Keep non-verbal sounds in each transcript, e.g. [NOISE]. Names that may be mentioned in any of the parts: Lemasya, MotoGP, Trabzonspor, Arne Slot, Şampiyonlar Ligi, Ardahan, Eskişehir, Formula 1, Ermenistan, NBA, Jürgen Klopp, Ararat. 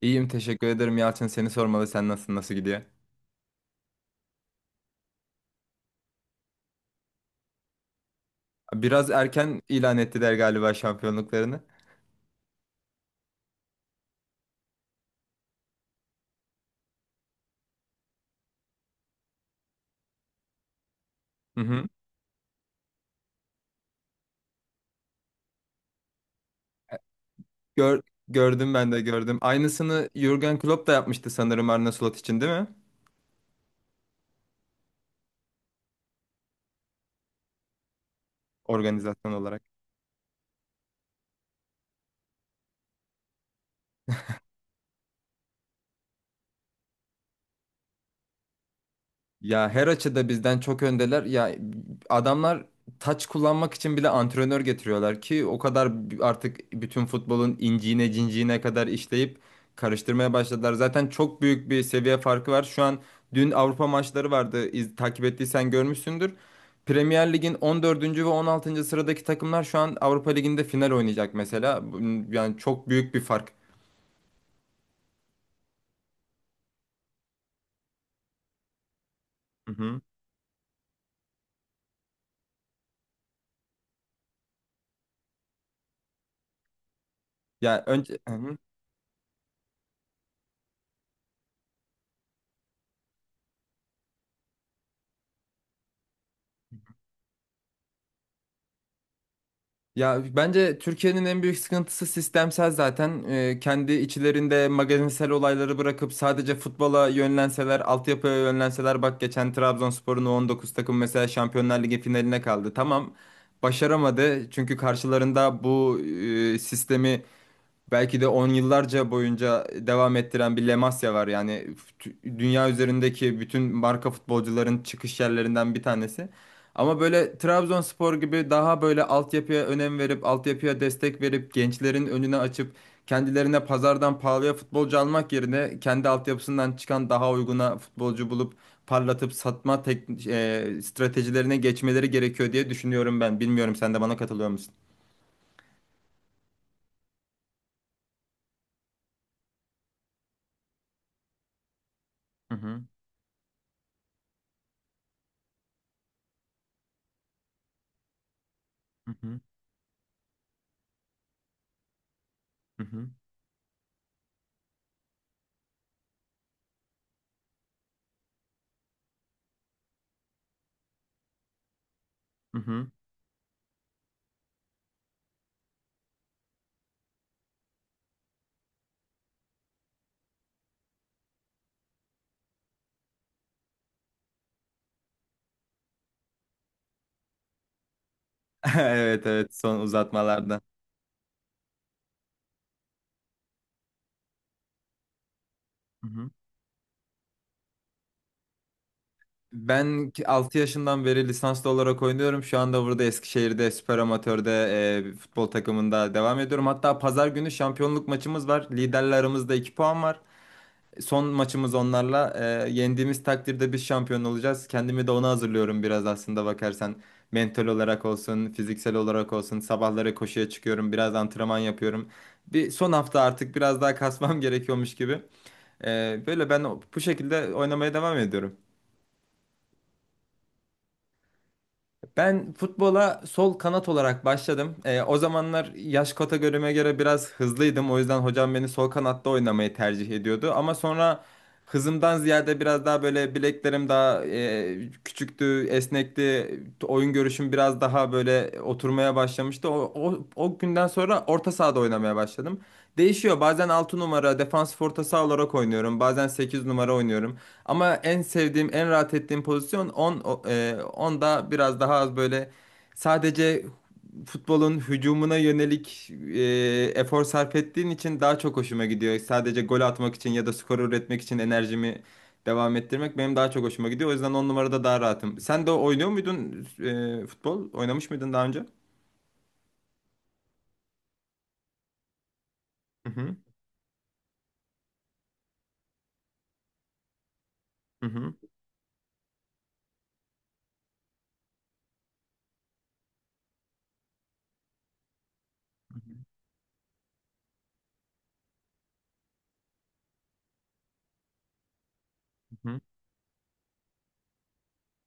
İyiyim teşekkür ederim Yalçın. Seni sormalı. Sen nasılsın? Nasıl gidiyor? Biraz erken ilan ettiler galiba şampiyonluklarını. Hı hı. Gör, Gördüm ben de gördüm. Aynısını Jürgen Klopp da yapmıştı sanırım Arne Slot için değil mi? Organizasyon olarak. Ya her açıda bizden çok öndeler. Ya adamlar taç kullanmak için bile antrenör getiriyorlar ki o kadar artık bütün futbolun inciğine cinciğine kadar işleyip karıştırmaya başladılar. Zaten çok büyük bir seviye farkı var. Şu an Dün Avrupa maçları vardı. Takip ettiysen görmüşsündür. Premier Lig'in 14. ve 16. sıradaki takımlar şu an Avrupa Ligi'nde final oynayacak mesela. Yani çok büyük bir fark. Hı hı. Ya önce Hı hı. Ya bence Türkiye'nin en büyük sıkıntısı sistemsel zaten. Kendi içlerinde magazinsel olayları bırakıp sadece futbola yönlenseler, altyapıya yönlenseler bak geçen Trabzonspor'un U19 takım mesela Şampiyonlar Ligi finaline kaldı. Tamam başaramadı çünkü karşılarında bu sistemi belki de on yıllarca boyunca devam ettiren bir Lemasya var. Yani dünya üzerindeki bütün marka futbolcuların çıkış yerlerinden bir tanesi. Ama böyle Trabzonspor gibi daha böyle altyapıya önem verip, altyapıya destek verip, gençlerin önüne açıp, kendilerine pazardan pahalıya futbolcu almak yerine kendi altyapısından çıkan daha uyguna futbolcu bulup parlatıp satma tek, stratejilerine geçmeleri gerekiyor diye düşünüyorum ben. Bilmiyorum sen de bana katılıyor musun? Hı hı, hı hı, hı hı, hı hı. [LAUGHS] Evet, evet, son uzatmalarda. Hı hı. Ben 6 yaşından beri lisanslı olarak oynuyorum. Şu anda burada Eskişehir'de süper amatörde bir futbol takımında devam ediyorum. Hatta pazar günü şampiyonluk maçımız var. Liderle aramızda 2 puan var. Son maçımız onlarla. Yendiğimiz takdirde biz şampiyon olacağız. Kendimi de ona hazırlıyorum biraz aslında bakarsan. Mental olarak olsun, fiziksel olarak olsun. Sabahları koşuya çıkıyorum, biraz antrenman yapıyorum. Bir son hafta artık biraz daha kasmam [LAUGHS] gerekiyormuş gibi. Böyle ben bu şekilde oynamaya devam ediyorum. Ben futbola sol kanat olarak başladım. O zamanlar yaş kategorime göre biraz hızlıydım. O yüzden hocam beni sol kanatta oynamayı tercih ediyordu. Ama sonra hızımdan ziyade biraz daha böyle bileklerim daha küçüktü, esnekti. Oyun görüşüm biraz daha böyle oturmaya başlamıştı. O günden sonra orta sahada oynamaya başladım. Değişiyor. Bazen 6 numara defansif orta saha olarak oynuyorum. Bazen 8 numara oynuyorum. Ama en sevdiğim, en rahat ettiğim pozisyon on, biraz daha az böyle sadece futbolun hücumuna yönelik efor sarf ettiğin için daha çok hoşuma gidiyor. Sadece gol atmak için ya da skor üretmek için enerjimi devam ettirmek benim daha çok hoşuma gidiyor. O yüzden 10 numarada daha rahatım. Sen de oynuyor muydun futbol? Oynamış mıydın daha önce? Hı hı. Hı hı. Hı hı.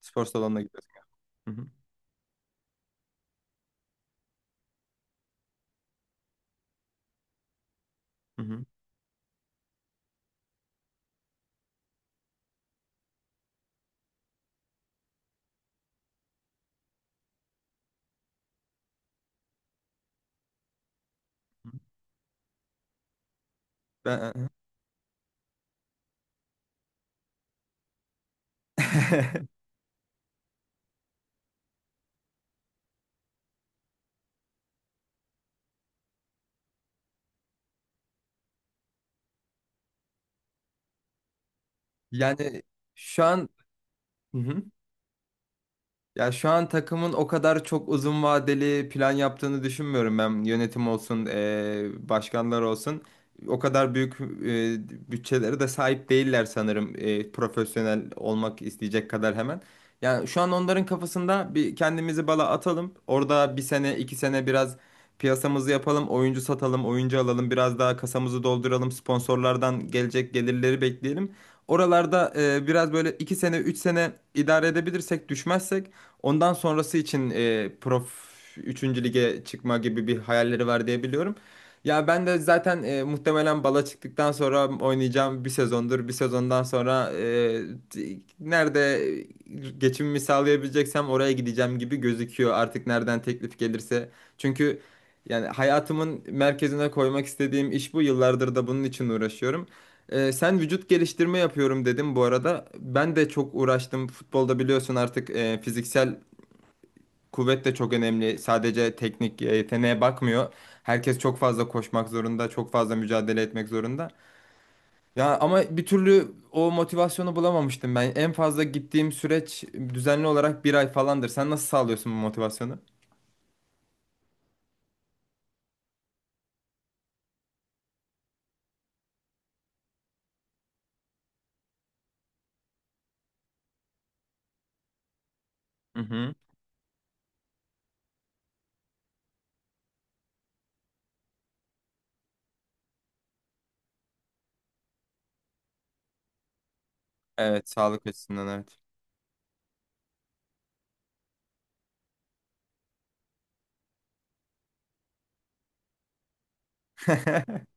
Spor salonuna gidiyorsun. Hı hı. Hı hı. Ben... [LAUGHS] Yani şu an Ya şu an takımın o kadar çok uzun vadeli plan yaptığını düşünmüyorum ben. Yönetim olsun, başkanlar olsun. O kadar büyük eee bütçelere de sahip değiller sanırım profesyonel olmak isteyecek kadar hemen. Yani şu an onların kafasında bir kendimizi bala atalım. Orada bir sene, iki sene biraz piyasamızı yapalım, oyuncu satalım, oyuncu alalım, biraz daha kasamızı dolduralım, sponsorlardan gelecek gelirleri bekleyelim. Oralarda biraz böyle iki sene, üç sene idare edebilirsek, düşmezsek ondan sonrası için e, Prof üçüncü lige çıkma gibi bir hayalleri var diye biliyorum. Ya ben de zaten muhtemelen bala çıktıktan sonra oynayacağım bir sezondur. Bir sezondan sonra nerede geçimimi sağlayabileceksem oraya gideceğim gibi gözüküyor. Artık nereden teklif gelirse. Çünkü yani hayatımın merkezine koymak istediğim iş bu. Yıllardır da bunun için uğraşıyorum. Sen vücut geliştirme yapıyorum dedim bu arada. Ben de çok uğraştım. Futbolda biliyorsun artık fiziksel kuvvet de çok önemli. Sadece teknik yeteneğe bakmıyor. Herkes çok fazla koşmak zorunda, çok fazla mücadele etmek zorunda. Ya ama bir türlü o motivasyonu bulamamıştım ben. En fazla gittiğim süreç düzenli olarak bir ay falandır. Sen nasıl sağlıyorsun bu motivasyonu? Hı hı. Evet, sağlık açısından evet. [LAUGHS]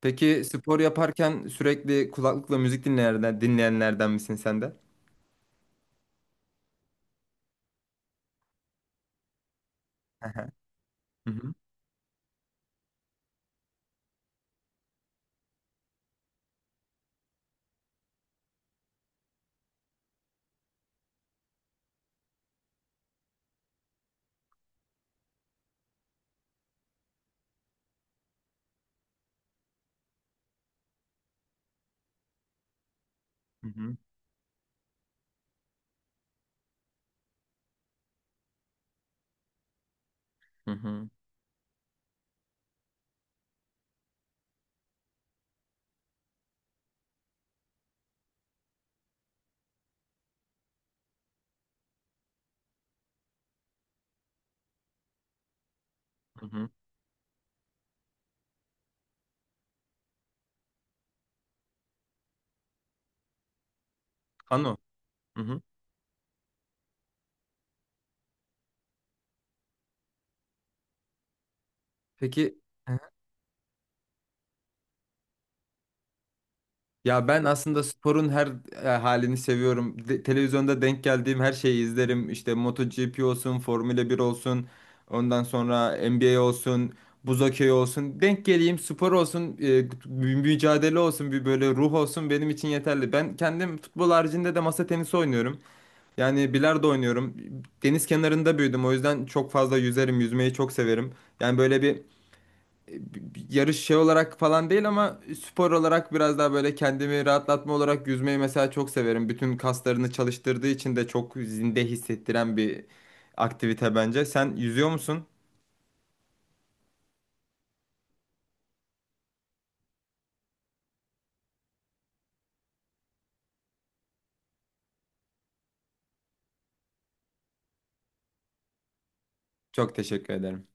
Peki spor yaparken sürekli kulaklıkla müzik dinleyenlerden misin sen de? Hı hı. Hı hı. Hı hı. Hı hı. Hı hı. Ano. Hı hı. Peki, ya ben aslında sporun her halini seviyorum. Televizyonda denk geldiğim her şeyi izlerim. İşte MotoGP olsun, Formula 1 olsun, ondan sonra NBA olsun, buz hokeyi olsun. Denk geleyim, spor olsun, mücadele olsun, bir böyle ruh olsun benim için yeterli. Ben kendim futbol haricinde de masa tenisi oynuyorum. Yani bilardo oynuyorum. Deniz kenarında büyüdüm. O yüzden çok fazla yüzerim, yüzmeyi çok severim. Yani böyle bir yarış şey olarak falan değil ama spor olarak biraz daha böyle kendimi rahatlatma olarak yüzmeyi mesela çok severim. Bütün kaslarını çalıştırdığı için de çok zinde hissettiren bir aktivite bence. Sen yüzüyor musun? Çok teşekkür ederim.